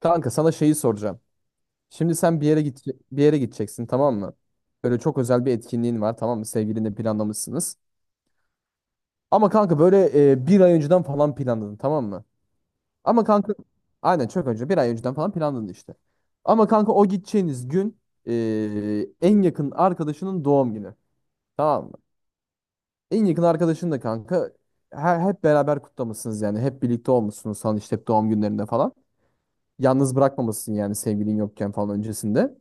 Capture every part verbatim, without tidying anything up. Kanka sana şeyi soracağım. Şimdi sen bir yere git bir yere gideceksin, tamam mı? Böyle çok özel bir etkinliğin var, tamam mı? Sevgilinle planlamışsınız. Ama kanka böyle e, bir ay önceden falan planladın, tamam mı? Ama kanka aynen çok önce bir ay önceden falan planladın işte. Ama kanka o gideceğiniz gün e, en yakın arkadaşının doğum günü, tamam mı? En yakın arkadaşın da kanka her, hep beraber kutlamışsınız yani hep birlikte olmuşsunuz falan işte hep doğum günlerinde falan. Yalnız bırakmamışsın yani sevgilin yokken falan öncesinde.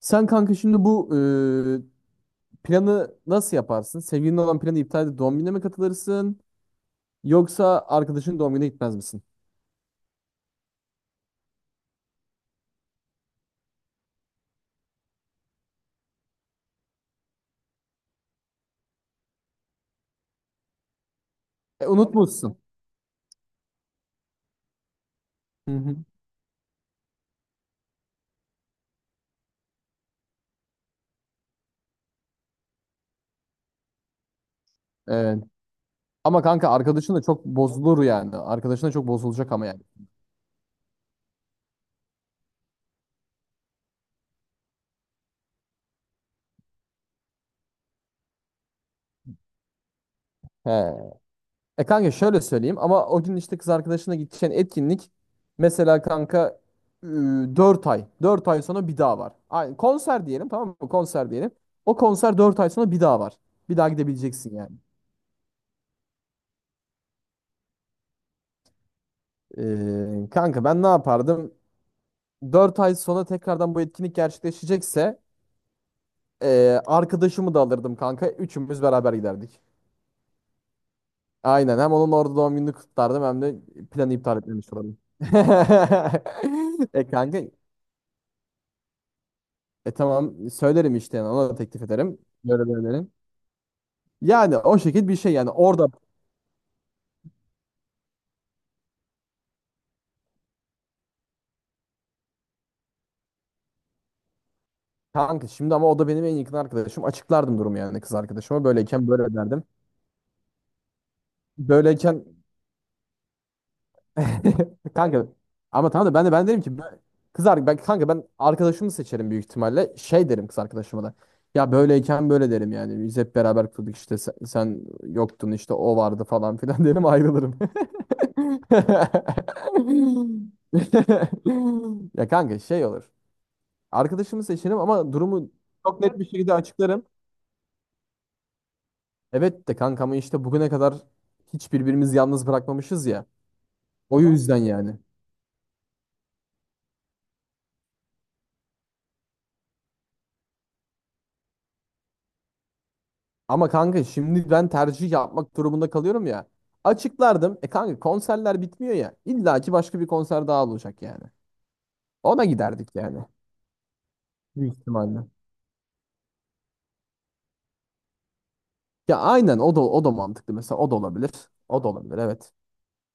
Sen kanka şimdi bu e, planı nasıl yaparsın? Sevgilinin olan planı iptal edip doğum gününe mi katılırsın? Yoksa arkadaşın doğum gününe gitmez misin? E, unutmuşsun. Hı hı. Evet. Ama kanka arkadaşın da çok bozulur yani. Arkadaşın da çok bozulacak ama yani. He. E kanka şöyle söyleyeyim, ama o gün işte kız arkadaşına gideceğin etkinlik mesela kanka dört ay. Dört ay sonra bir daha var. Aynı konser diyelim, tamam mı? Konser diyelim. O konser dört ay sonra bir daha var. Bir daha gidebileceksin yani. Ee, kanka ben ne yapardım? Dört ay sonra tekrardan bu etkinlik gerçekleşecekse ee, arkadaşımı da alırdım kanka. Üçümüz beraber giderdik. Aynen, hem onun orada doğum gününü kutlardım hem de planı iptal etmemiş olalım. E kanka e tamam söylerim işte yani, ona da teklif ederim. Böyle böyle derim. Yani o şekilde bir şey yani orada kanka şimdi ama o da benim en yakın arkadaşım. Açıklardım durumu yani kız arkadaşıma. Böyleyken böyle derdim. Böyleyken kanka ama tamam da ben de ben derim ki bö- kız ar- ben kanka ben arkadaşımı seçerim büyük ihtimalle. Şey derim kız arkadaşıma da. Ya böyleyken böyle derim yani. Biz hep beraber kurduk işte sen, sen yoktun işte o vardı falan filan derim, ayrılırım. Ya kanka şey olur. Arkadaşımı seçerim ama durumu çok net bir şekilde açıklarım. Evet de kanka, ama işte bugüne kadar hiç birbirimizi yalnız bırakmamışız ya. O yüzden yani. Ama kanka şimdi ben tercih yapmak durumunda kalıyorum ya. Açıklardım. E kanka konserler bitmiyor ya. İlla ki başka bir konser daha olacak yani. Ona giderdik yani. Büyük ihtimalle. Ya aynen, o da o da mantıklı mesela, o da olabilir. O da olabilir, evet.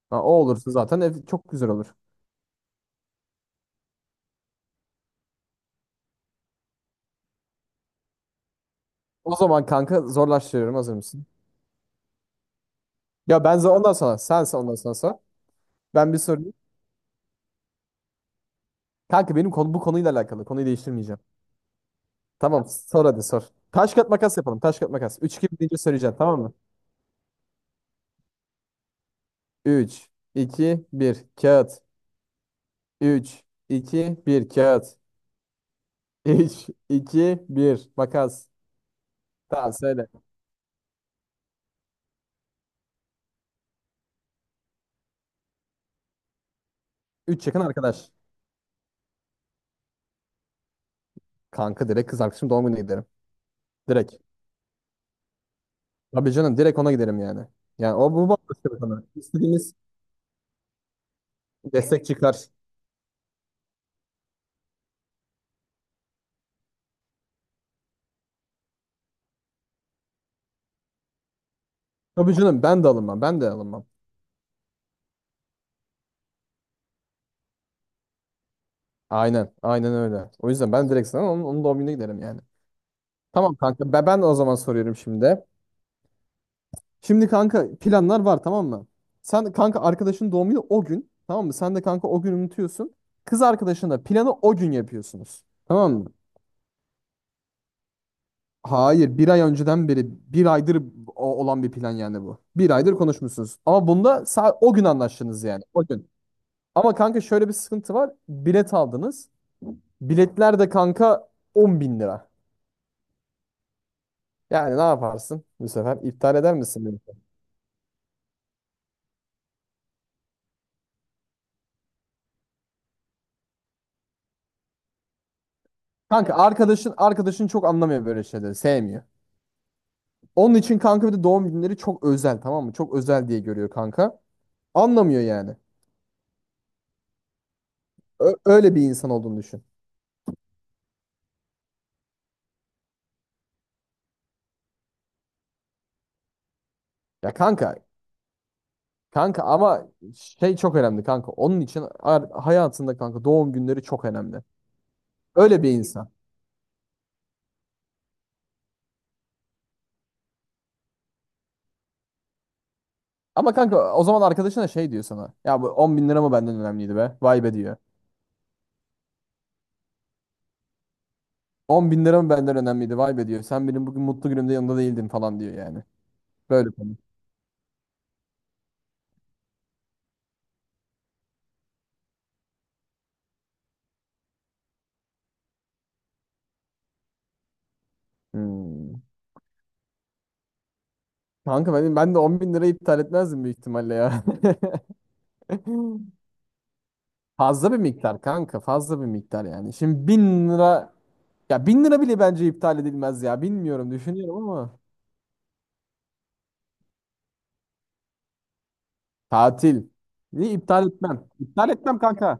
Ha, o olursa zaten ev çok güzel olur. O zaman kanka zorlaştırıyorum, hazır mısın? Ya ben za- ondan sonra sen sen ondan sonra sor. Ben bir sorayım. Kanka benim konu bu konuyla alakalı. Konuyu değiştirmeyeceğim. Tamam, sor, hadi sor. Taş kat makas yapalım. Taş kat makas. Üç iki deyince söyleyeceğim, tamam mı? Üç, iki, bir. Kağıt. Üç, iki, bir. Kağıt. Üç, iki, bir. Makas. Tamam, söyle. Üç yakın arkadaş. Kanka direkt kız arkadaşım doğum gününe giderim. Direkt. Tabii canım, direkt ona giderim yani. Yani o bu bambaşka bir konu. İstediğimiz destek çıkar. Tabii canım, ben de alınmam. Ben de alınmam. Aynen. Aynen öyle. O yüzden ben direkt sana onun, onun doğum gününe giderim yani. Tamam kanka ben, ben de o zaman soruyorum şimdi. Şimdi kanka planlar var, tamam mı? Sen kanka arkadaşın doğum günü o gün, tamam mı? Sen de kanka o gün unutuyorsun. Kız arkadaşınla planı o gün yapıyorsunuz. Tamam mı? Hayır, bir ay önceden beri bir aydır o- olan bir plan yani bu. Bir aydır konuşmuşsunuz. Ama bunda sa- o gün anlaştınız yani, o gün. Ama kanka şöyle bir sıkıntı var. Bilet aldınız. Biletler de kanka on bin lira. Yani ne yaparsın bu sefer? İptal eder misin beni? Kanka arkadaşın arkadaşın çok anlamıyor böyle şeyleri. Sevmiyor. Onun için kanka bir de doğum günleri çok özel, tamam mı? Çok özel diye görüyor kanka. Anlamıyor yani. Ö- öyle bir insan olduğunu düşün. Ya kanka, kanka ama şey çok önemli kanka. Onun için ar- hayatında kanka doğum günleri çok önemli. Öyle bir insan. Ama kanka o zaman arkadaşına şey diyor sana. Ya bu on bin lira mı benden önemliydi be? Vay be diyor. on bin lira mı benden önemliydi? Vay be diyor. Sen benim bugün mutlu günümde yanında değildin falan diyor yani. Böyle konu. Hmm. Kanka ben, ben de on bin lirayı iptal etmezdim büyük ihtimalle ya. Fazla bir miktar kanka, fazla bir miktar yani. Şimdi bin lira ya, bin lira bile bence iptal edilmez ya. Bilmiyorum, düşünüyorum ama tatil. Niye iptal etmem. İptal etmem kanka.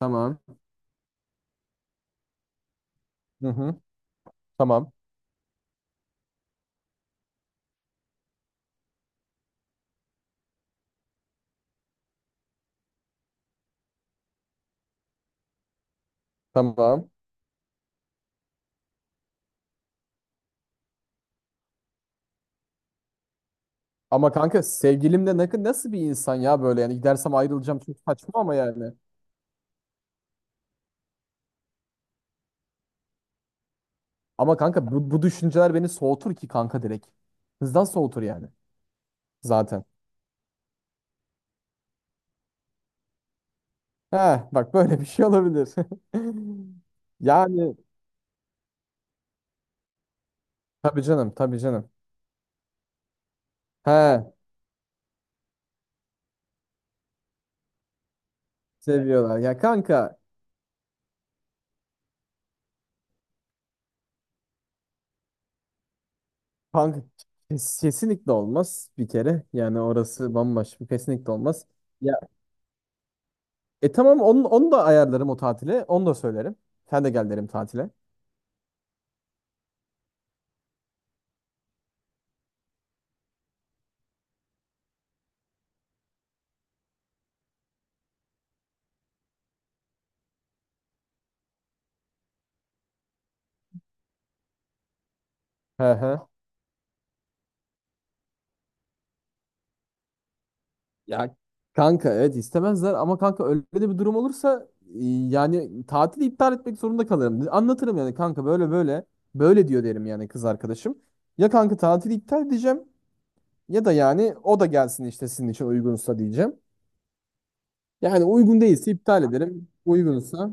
Tamam. Hı hı. Tamam. Tamam. Ama kanka sevgilim de ne- nasıl bir insan ya böyle yani, gidersem ayrılacağım çok saçma ama yani. Ama kanka bu, bu düşünceler beni soğutur ki kanka direkt. Hızdan soğutur yani zaten. Heh, bak böyle bir şey olabilir. Yani tabii canım, tabii canım. He. Seviyorlar. Ya kanka punk kes- kesinlikle olmaz bir kere. Yani orası bambaşka, kesinlikle olmaz. Ya e tamam onu, onu da ayarlarım o tatile. Onu da söylerim. Sen de gel derim tatile. He he. Ya kanka evet, istemezler ama kanka öyle de bir durum olursa e, yani tatili iptal etmek zorunda kalırım. Anlatırım yani kanka böyle böyle böyle diyor derim yani kız arkadaşım. Ya kanka tatili iptal edeceğim ya da yani o da gelsin işte sizin için uygunsa diyeceğim. Yani uygun değilse iptal ederim. Uygunsa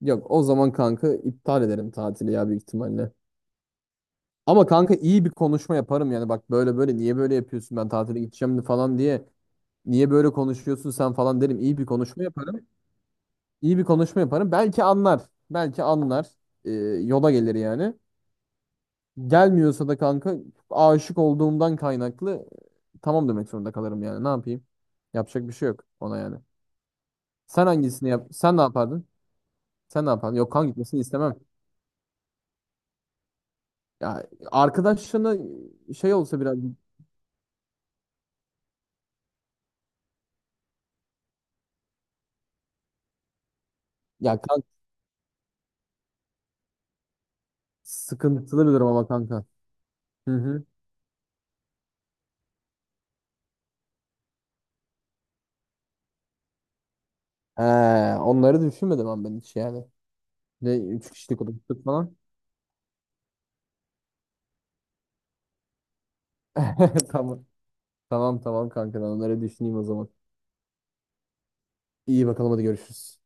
yok, o zaman kanka iptal ederim tatili ya, büyük ihtimalle. Ama kanka iyi bir konuşma yaparım yani, bak böyle böyle niye böyle yapıyorsun ben tatile gideceğim falan diye. Niye böyle konuşuyorsun sen falan derim. İyi bir konuşma yaparım. İyi bir konuşma yaparım. Belki anlar. Belki anlar. Ee, yola gelir yani. Gelmiyorsa da kanka aşık olduğumdan kaynaklı e, tamam demek zorunda kalırım yani. Ne yapayım? Yapacak bir şey yok ona yani. Sen hangisini yap? Sen ne yapardın? Sen ne yapardın? Yok kanka, gitmesini istemem. Ya arkadaşlarına şey olsa biraz, ya kanka sıkıntılı bir durum ama kanka. Hı hı. He, onları düşünmedim ben, ben hiç yani. Ne üç kişilik oturttuk falan. Tamam. Tamam tamam kanka ben onları düşüneyim o zaman. İyi bakalım, hadi görüşürüz.